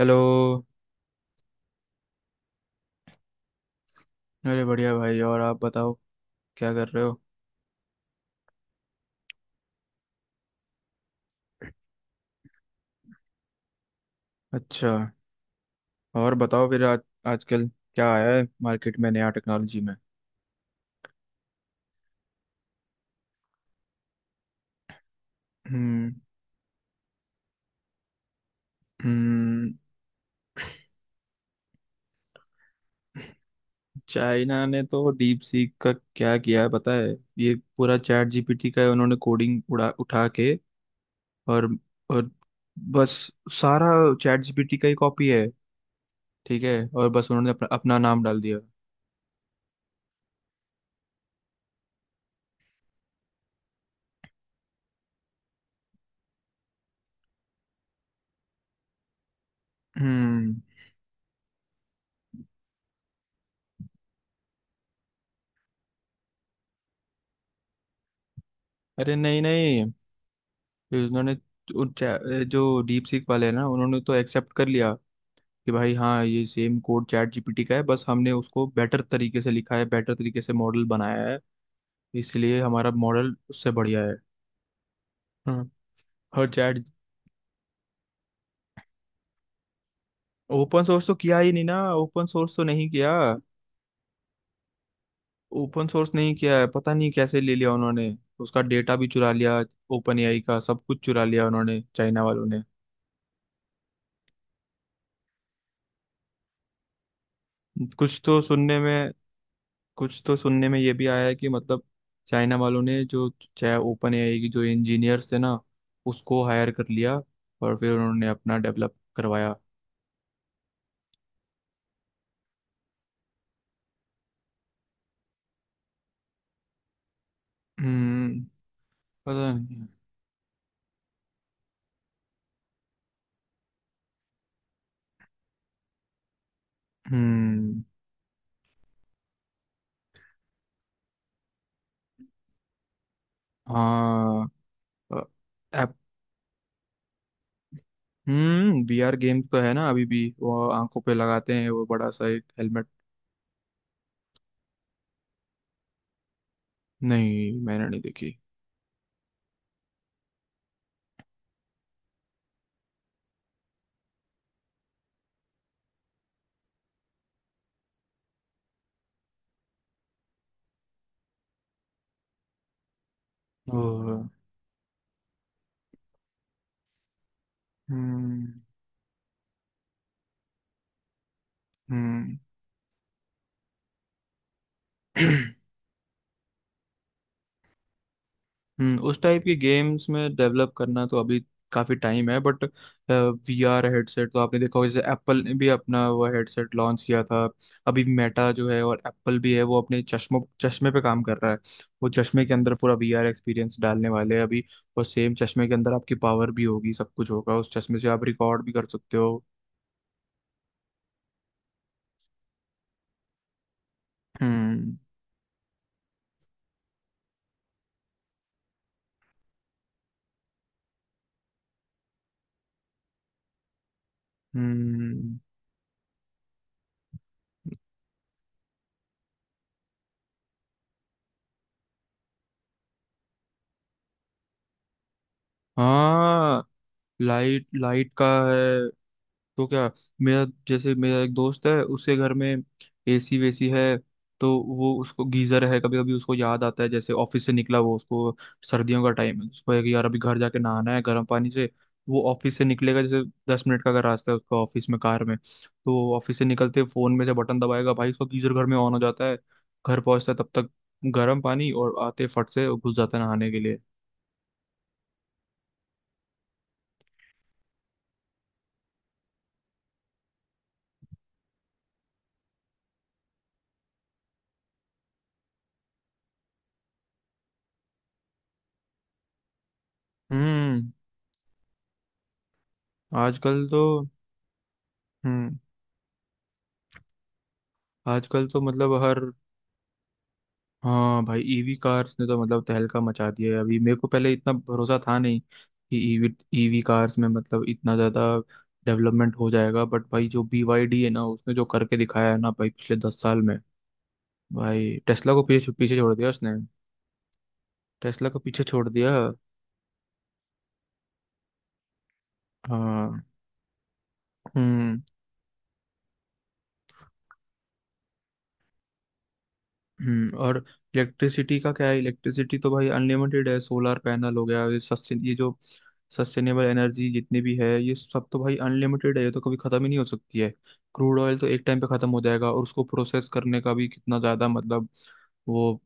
Hello. अरे, बढ़िया भाई। और आप बताओ, क्या कर रहे हो। अच्छा। और बताओ फिर आज आजकल क्या आया है मार्केट में नया टेक्नोलॉजी में। हम्म। हम्म। चाइना ने तो डीप सीक का क्या किया है पता है? ये पूरा चैट जीपीटी का है, उन्होंने कोडिंग उड़ा उठा के और और बस सारा चैट जीपीटी का ही कॉपी है। ठीक है, और बस उन्होंने अपना नाम डाल दिया। हम्म। अरे नहीं, नहीं। फिर उन्होंने उन चा- जो डीप सीक वाले हैं ना, उन्होंने तो एक्सेप्ट कर लिया कि भाई हाँ, ये सेम कोड चैट जीपीटी का है, बस हमने उसको बेटर तरीके से लिखा है, बेटर तरीके से मॉडल बनाया है, इसलिए हमारा मॉडल उससे बढ़िया है। हाँ। और चैट ओपन सोर्स तो किया ही नहीं ना, ओपन सोर्स तो नहीं किया। ओपन सोर्स नहीं किया है, पता नहीं कैसे ले लिया उन्होंने। उसका डेटा भी चुरा लिया, ओपन एआई का सब कुछ चुरा लिया उन्होंने, चाइना वालों ने। कुछ तो सुनने में कुछ तो सुनने में ये भी आया है कि मतलब चाइना वालों ने जो चाहे, ओपन एआई की जो इंजीनियर्स थे ना, उसको हायर कर लिया, और फिर उन्होंने अपना डेवलप करवाया। हम्म। पता नहीं। हम्म। हाँ। ऐप। हम्म। वीआर गेम तो है ना अभी भी, वो आंखों पे लगाते हैं वो बड़ा सा एक हेलमेट। नहीं, मैंने नहीं देखी। ओ। हम्म। हम्म। हम्म। उस टाइप के गेम्स में डेवलप करना तो अभी काफी टाइम है, बट वीआर हेडसेट तो आपने देखा होगा, जैसे एप्पल ने भी अपना वो हेडसेट लॉन्च किया था। अभी मेटा जो है और एप्पल भी है, वो अपने चश्मों चश्मे पे काम कर रहा है। वो चश्मे के अंदर पूरा वीआर एक्सपीरियंस डालने वाले हैं अभी, और सेम चश्मे के अंदर आपकी पावर भी होगी, सब कुछ होगा, उस चश्मे से आप रिकॉर्ड भी कर सकते हो। हम्म। हम्म। हाँ। लाइट लाइट का है। तो क्या, मेरा जैसे, मेरा एक दोस्त है, उसके घर में एसी वेसी है, तो वो, उसको गीजर है, कभी कभी उसको याद आता है, जैसे ऑफिस से निकला, वो उसको सर्दियों का टाइम है, उसको है कि यार अभी घर जाके नहाना है गर्म पानी से। वो ऑफिस से निकलेगा, जैसे 10 मिनट का अगर रास्ता है उसका ऑफिस में, कार में, तो ऑफिस से निकलते फोन में से बटन दबाएगा भाई, उसका गीजर घर में ऑन हो जाता है, घर पहुंचता है तब तक गर्म पानी, और आते फट से घुस जाता है नहाने के लिए। हम्म। आजकल तो हम्म। आजकल तो मतलब हर हाँ, भाई, ईवी कार्स ने तो मतलब तहलका मचा दिया है, अभी मेरे को पहले इतना भरोसा था नहीं कि ईवी ईवी कार्स में मतलब इतना ज़्यादा डेवलपमेंट हो जाएगा, बट भाई जो BYD है ना, उसने जो करके दिखाया है ना भाई, पिछले 10 साल में भाई टेस्ला को पीछे पीछे छोड़ दिया उसने। टेस्ला को पीछे छोड़ दिया। हाँ। हम्म। हम्म। और इलेक्ट्रिसिटी का क्या है, इलेक्ट्रिसिटी तो भाई अनलिमिटेड है, सोलर पैनल हो गया, ये जो सस्टेनेबल एनर्जी जितनी भी है, ये सब तो भाई अनलिमिटेड है, ये तो कभी खत्म ही नहीं हो सकती है। क्रूड ऑयल तो एक टाइम पे खत्म हो जाएगा, और उसको प्रोसेस करने का भी कितना ज्यादा, मतलब वो,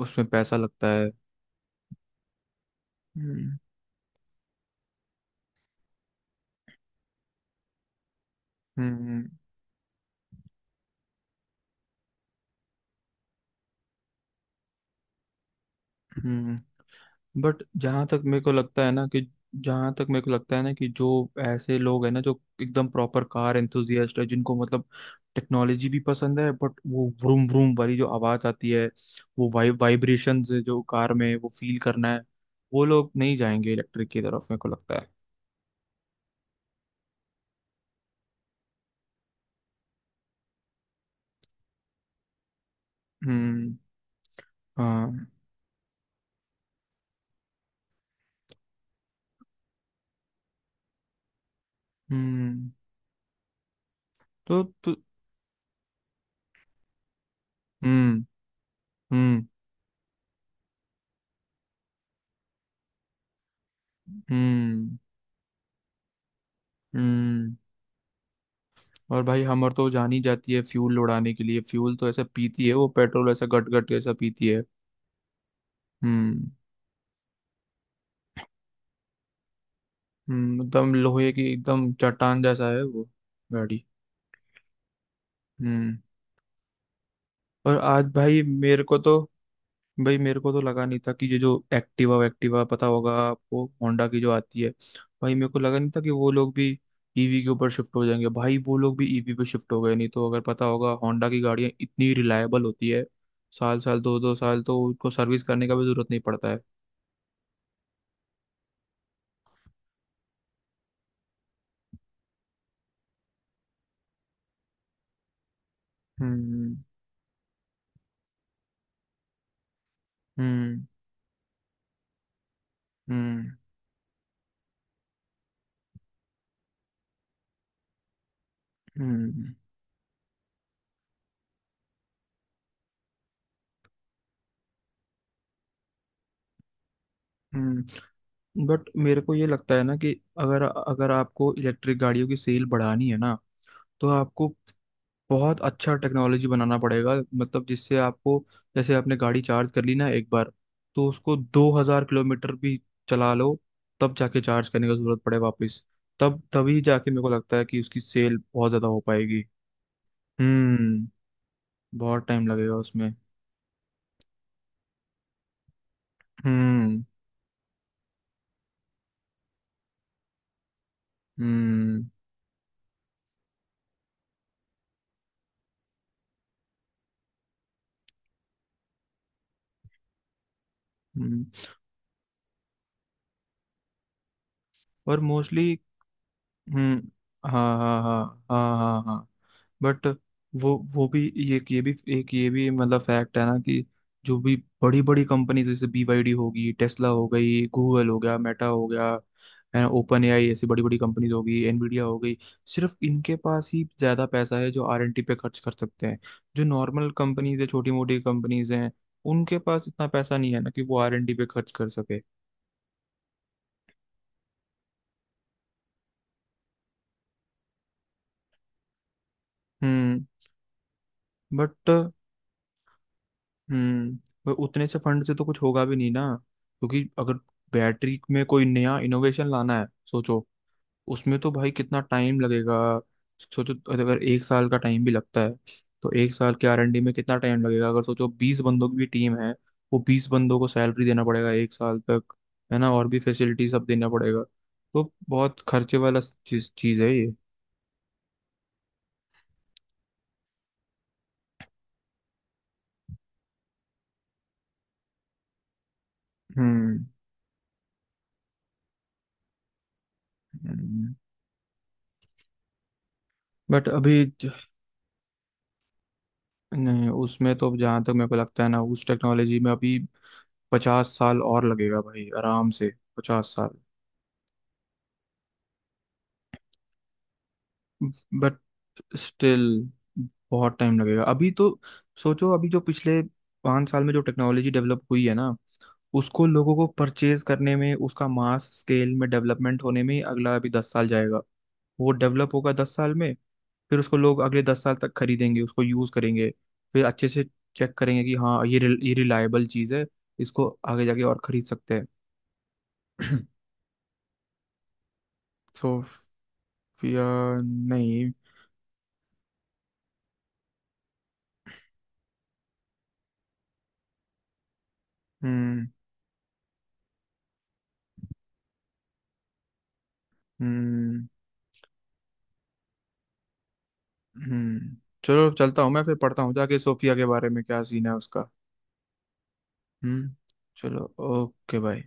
उसमें पैसा लगता है। हम्म। हम्म। हम्म। बट जहां तक मेरे को लगता है ना कि जो ऐसे लोग हैं ना, जो एकदम प्रॉपर कार एंथुजियास्ट है, जिनको मतलब टेक्नोलॉजी भी पसंद है, बट वो व्रूम व्रूम वाली जो आवाज आती है, वो वाइब्रेशंस जो कार में, वो फील करना है, वो लोग नहीं जाएंगे इलेक्ट्रिक की तरफ, मेरे को लगता है। हम्म। हाँ। हम्म। तो तो हम्म। हम्म। हम्म। हम्म। और भाई हमर तो जान ही जाती है फ्यूल उड़ाने के लिए, फ्यूल तो ऐसा पीती है, वो पेट्रोल ऐसा गट गट ऐसा पीती है। हम्म। हम्म। एकदम लोहे की, एकदम चट्टान जैसा है वो गाड़ी। हम्म। और आज भाई मेरे को तो, भाई मेरे को तो लगा नहीं था कि ये जो एक्टिवा, एक्टिवा पता होगा आपको, होंडा की जो आती है। भाई मेरे को लगा नहीं था कि वो लोग भी ईवी के ऊपर शिफ्ट हो जाएंगे, भाई वो लोग भी ईवी पे शिफ्ट हो गए। नहीं तो अगर पता होगा, होंडा की गाड़ियाँ इतनी रिलायबल होती है, साल साल दो दो साल तो उनको सर्विस करने का भी जरूरत नहीं पड़ता है। हम्म। हम्म। हम्म। हम्म। हम्म। बट मेरे को ये लगता है ना कि, अगर अगर आपको इलेक्ट्रिक गाड़ियों की सेल बढ़ानी है ना, तो आपको बहुत अच्छा टेक्नोलॉजी बनाना पड़ेगा, मतलब जिससे आपको, जैसे आपने गाड़ी चार्ज कर ली ना एक बार, तो उसको 2,000 किलोमीटर भी चला लो, तब जाके चार्ज करने का जरूरत पड़े वापस। तब तभी जाके मेरे को लगता है कि उसकी सेल बहुत ज्यादा हो पाएगी। हम्म। बहुत टाइम लगेगा उसमें। हम्म। हम्म। हम्म। और मोस्टली। हम्म। हाँ, हाँ, हाँ, हाँ, हाँ, हाँ। बट वो भी, ये भी, एक ये भी मतलब फैक्ट है ना कि जो भी बड़ी बड़ी कंपनीज, जैसे बीवाईडी होगी, टेस्ला हो गई, गूगल हो गया, मेटा हो गया, है ना, ओपन एआई, ऐसी बड़ी बड़ी कंपनीज हो गई, एनवीडिया हो गई, सिर्फ इनके पास ही ज्यादा पैसा है जो आरएनटी पे खर्च कर सकते हैं। जो नॉर्मल कंपनीज है, छोटी मोटी कंपनीज हैं, उनके पास इतना पैसा नहीं है ना कि वो आरएनटी पे खर्च कर सके। हम्म। बट। हम्म। पर उतने से फंड से तो कुछ होगा भी नहीं ना, क्योंकि अगर बैटरी में कोई नया इनोवेशन लाना है सोचो, उसमें तो भाई कितना टाइम लगेगा। सोचो अगर एक साल का टाइम भी लगता है, तो एक साल के आर एन डी में कितना टाइम लगेगा, अगर सोचो 20 बंदों की भी टीम है, वो 20 बंदों को सैलरी देना पड़ेगा एक साल तक, है ना, और भी फैसिलिटी सब देना पड़ेगा। तो बहुत खर्चे वाला चीज चीज है ये। हम्म। बट अभी ज- नहीं, उसमें तो जहाँ तक मेरे को लगता है ना, उस टेक्नोलॉजी में अभी 50 साल और लगेगा भाई, आराम से। 50 साल। बट स्टिल बहुत टाइम लगेगा अभी तो। सोचो अभी जो पिछले 5 साल में जो टेक्नोलॉजी डेवलप हुई है ना, उसको लोगों को परचेज करने में, उसका मास स्केल में डेवलपमेंट होने में ही, अगला अभी 10 साल जाएगा। वो डेवलप होगा 10 साल में, फिर उसको लोग अगले 10 साल तक खरीदेंगे, उसको यूज़ करेंगे, फिर अच्छे से चेक करेंगे कि हाँ, ये रिलायबल चीज़ है, इसको आगे जाके और खरीद सकते हैं। सो, या नहीं। हम्म। हम्म। हम्म। चलो, चलता हूँ मैं फिर, पढ़ता हूँ जाके सोफिया के बारे में क्या सीन है उसका। हम्म। चलो, ओके भाई।